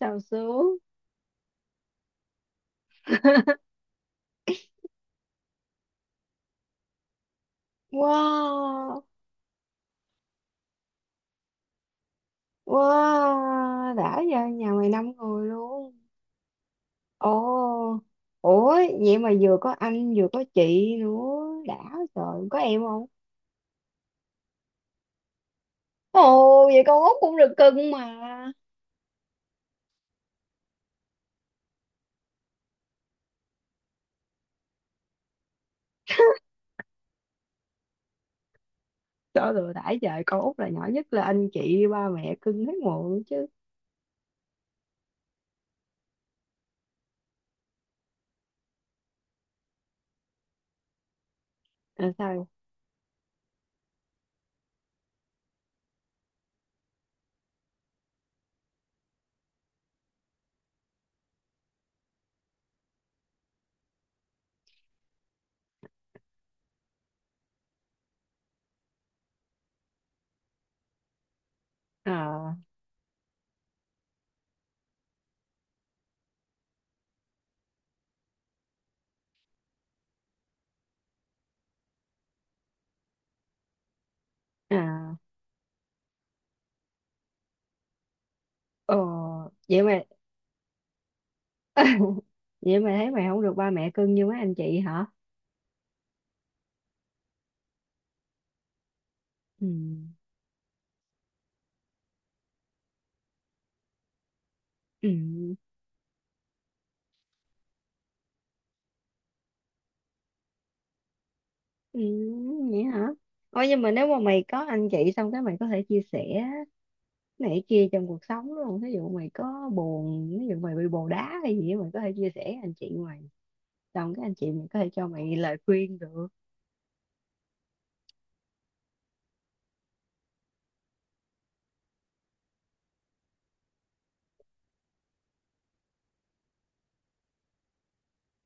Xào xú. Wow. Wow, đã, giờ nhà mày năm người luôn. Ồ. Ủa, vậy mà vừa có anh vừa có chị nữa đã. Trời, có em không? Ồ, vậy con út cũng được cưng mà. Trời ơi đã trời, con út là nhỏ nhất, là anh chị ba mẹ cưng hết muộn chứ. Sao? À. À. Ồ. Vậy mà vậy mà thấy mày không được ba mẹ cưng như mấy anh chị hả? Ừ. Ừ. Ừ, vậy hả? Ôi nhưng mà nếu mà mày có anh chị, xong cái mày có thể chia sẻ này kia trong cuộc sống, đúng không? Ví dụ mày có buồn, ví dụ mày bị bồ đá hay gì á, mày có thể chia sẻ với anh chị mày. Xong cái anh chị mày có thể cho mày lời khuyên được.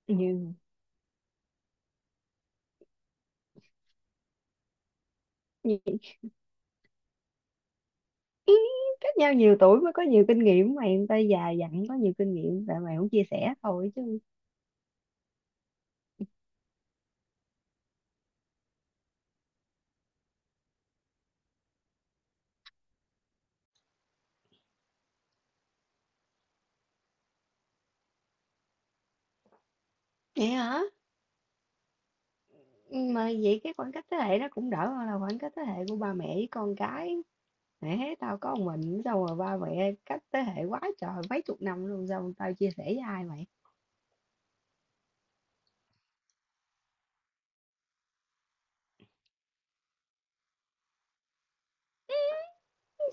Nhưng nhưng- Ý, cách nhau nhiều tuổi mới có nhiều kinh nghiệm mày, người ta già dặn có nhiều kinh nghiệm, tại mày không chia sẻ thôi chứ. Vậy hả? Mà vậy cái khoảng cách thế hệ nó cũng đỡ hơn là khoảng cách thế hệ của ba mẹ với con cái. Mẹ, tao có một mình, xong rồi ba mẹ cách thế hệ quá trời mấy chục năm luôn, xong tao chia sẻ với ai mày?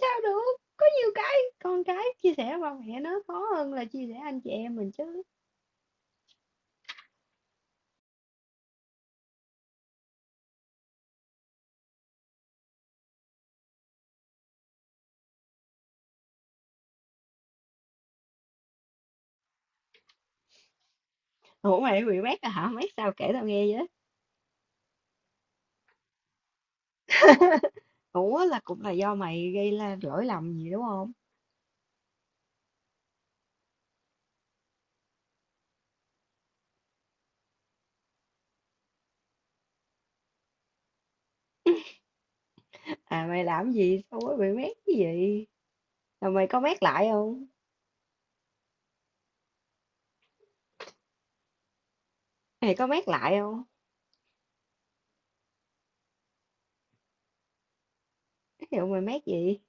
Sao được, có nhiều cái con cái chia sẻ với ba mẹ nó khó hơn là chia sẻ anh chị em mình chứ. Ủa, mày bị mét à? Hả, mét sao kể tao nghe vậy? Ủa, là cũng là do mày gây ra lỗi lầm gì đúng không? À, mày làm gì sao mới bị mét cái gì? Rồi mày có mét lại không? Mày có mét lại không? Ví dụ mày mét gì?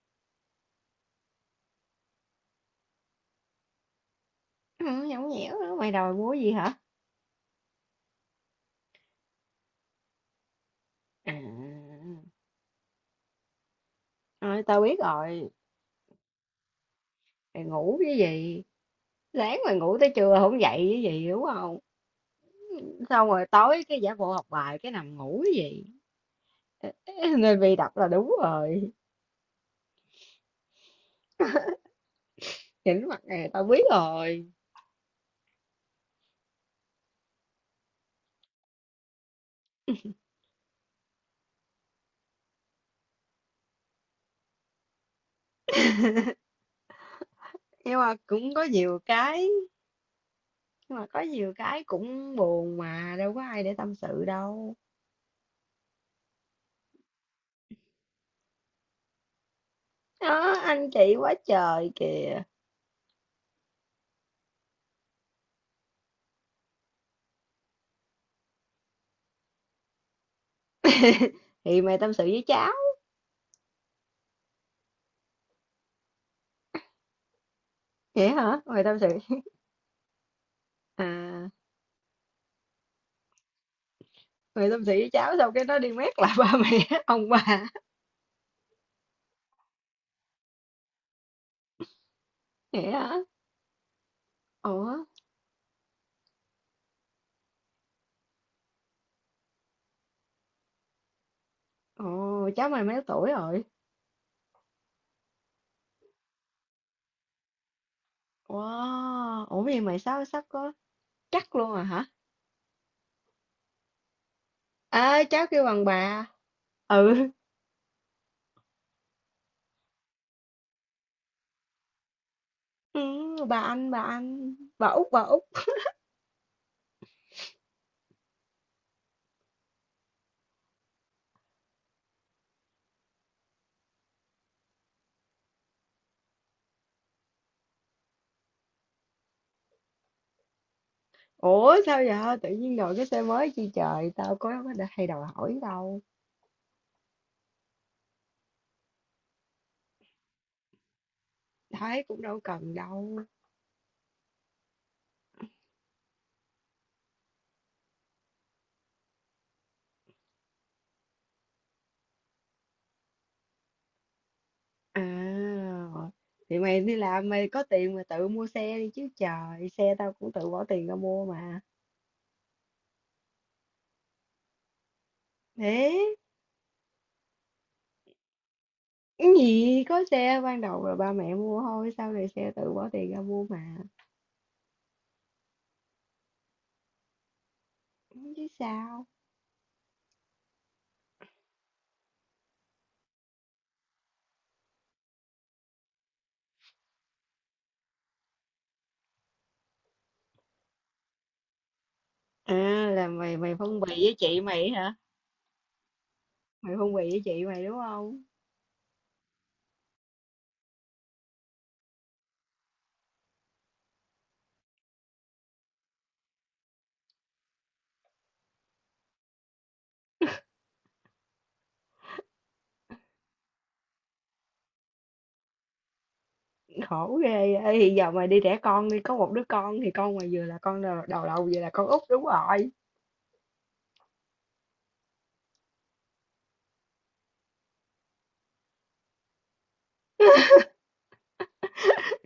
Ừ, nhõng nhẽo nữa, mày đòi mua gì hả? À. Thôi, tao biết rồi. Mày ngủ cái gì? Sáng mà ngủ tới trưa không dậy chứ gì, đúng không? Xong rồi tối cái giả bộ học bài cái nằm ngủ chứ gì. Nên bị đọc là đúng rồi, nhìn mặt này tao biết rồi. Nhưng mà cũng có nhiều cái, nhưng mà có nhiều cái cũng buồn mà, đâu có ai để tâm sự đâu. Đó, anh chị quá trời kìa. Thì mày tâm sự với cháu. Vậy hả? Mày tâm sự? À, mày tâm sự với cháu xong cái nó đi mét lại ba mẹ, ông bà. Vậy hả? Ủa? Ồ, cháu mày mấy tuổi rồi? Wow, ủa vậy mày sao sắp có, chắc luôn à hả? À, cháu kêu bằng bà. Ừ, ừ, bà anh, bà anh, bà út, bà út. Ủa sao vậy? Tự nhiên đổi cái tên mới chi trời, tao có đã hay đòi hỏi đâu. Thấy cũng đâu cần đâu. À, thì mày đi làm mày có tiền mà tự mua xe đi chứ trời, xe tao cũng tự bỏ tiền ra mua mà. Thế, cái gì có xe ban đầu là ba mẹ mua thôi, sau này xe tự bỏ tiền ra mua mà. Chứ sao? À, là mày mày phân bì với chị mày hả? Mày phân bì với chị mày đúng không? Khổ ghê. Ê, thì giờ mày đi đẻ con đi, có một đứa con thì con mày vừa là con đầu đầu đầu vừa là con út đúng rồi.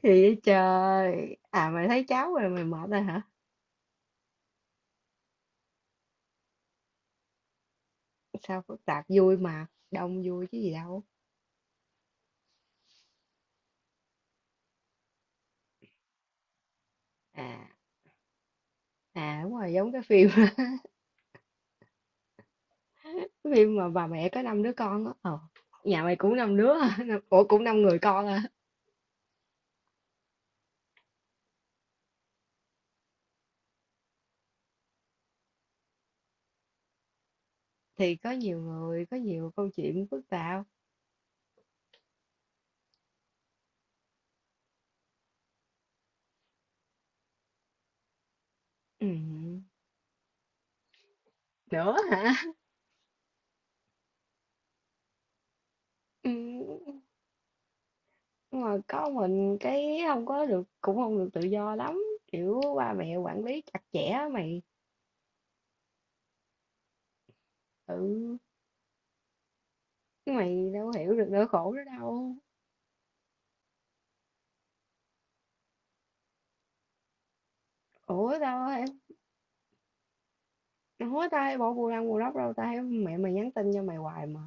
Thì trời. À mày thấy cháu rồi mày mệt rồi hả? Sao phức tạp, vui mà, đông vui chứ gì đâu. À. À đúng rồi, giống cái phim, cái phim mà bà mẹ có năm đứa con á. Ờ. Nhà mày cũng năm đứa, hả? Ủa cũng năm người con à. Thì có nhiều người, có nhiều câu chuyện phức tạp. Ừ. Nữa hả? Ừ. Nhưng mà có mình cái không có được, cũng không được tự do lắm, kiểu ba mẹ quản lý chặt chẽ mày. Ừ, chứ mày đâu hiểu được nỗi khổ đó đâu. ủa tao Ủa tao hay bỏ bù lăng bù lóc đâu, tao thấy mẹ mày nhắn tin cho mày hoài mà.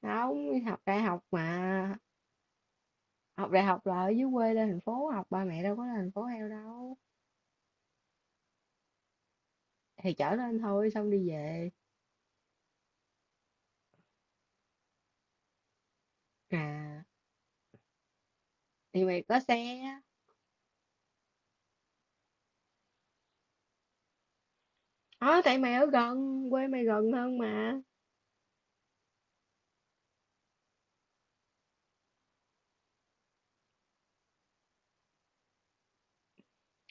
Tao không học đại học mà, học đại học là ở dưới quê lên thành phố học, ba mẹ đâu có lên thành phố heo đâu. Thì chở lên thôi xong đi về. À, thì mày có xe á. Ờ, tại mày ở gần, quê mày gần hơn mà.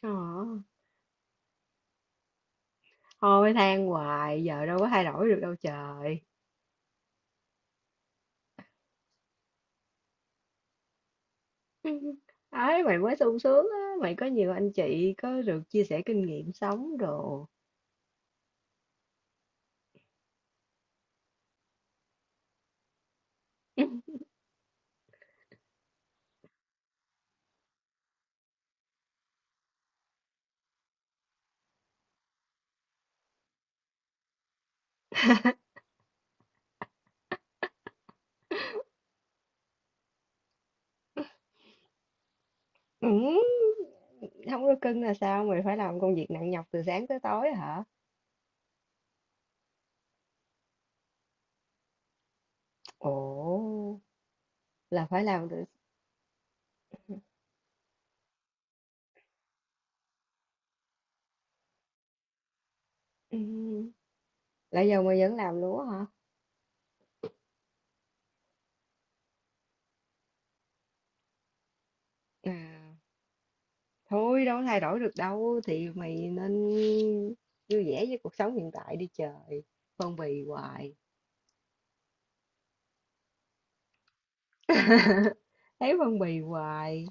Ờ. Thôi than hoài, giờ đâu có thay đổi được đâu trời. Ấy, mày mới sung sướng á, mày có nhiều anh chị, có được chia sẻ kinh nghiệm sống đồ. Ừ, không có cưng là sao, mày phải làm công việc nặng nhọc từ sáng tới tối hả? Ồ, là phải làm từ... Ừ, là giờ mày vẫn làm luôn á hả? À, thôi đâu có thay đổi được đâu, thì mày nên vui vẻ với cuộc sống hiện tại đi trời. Phân bì hoài. Thấy phân bì hoài.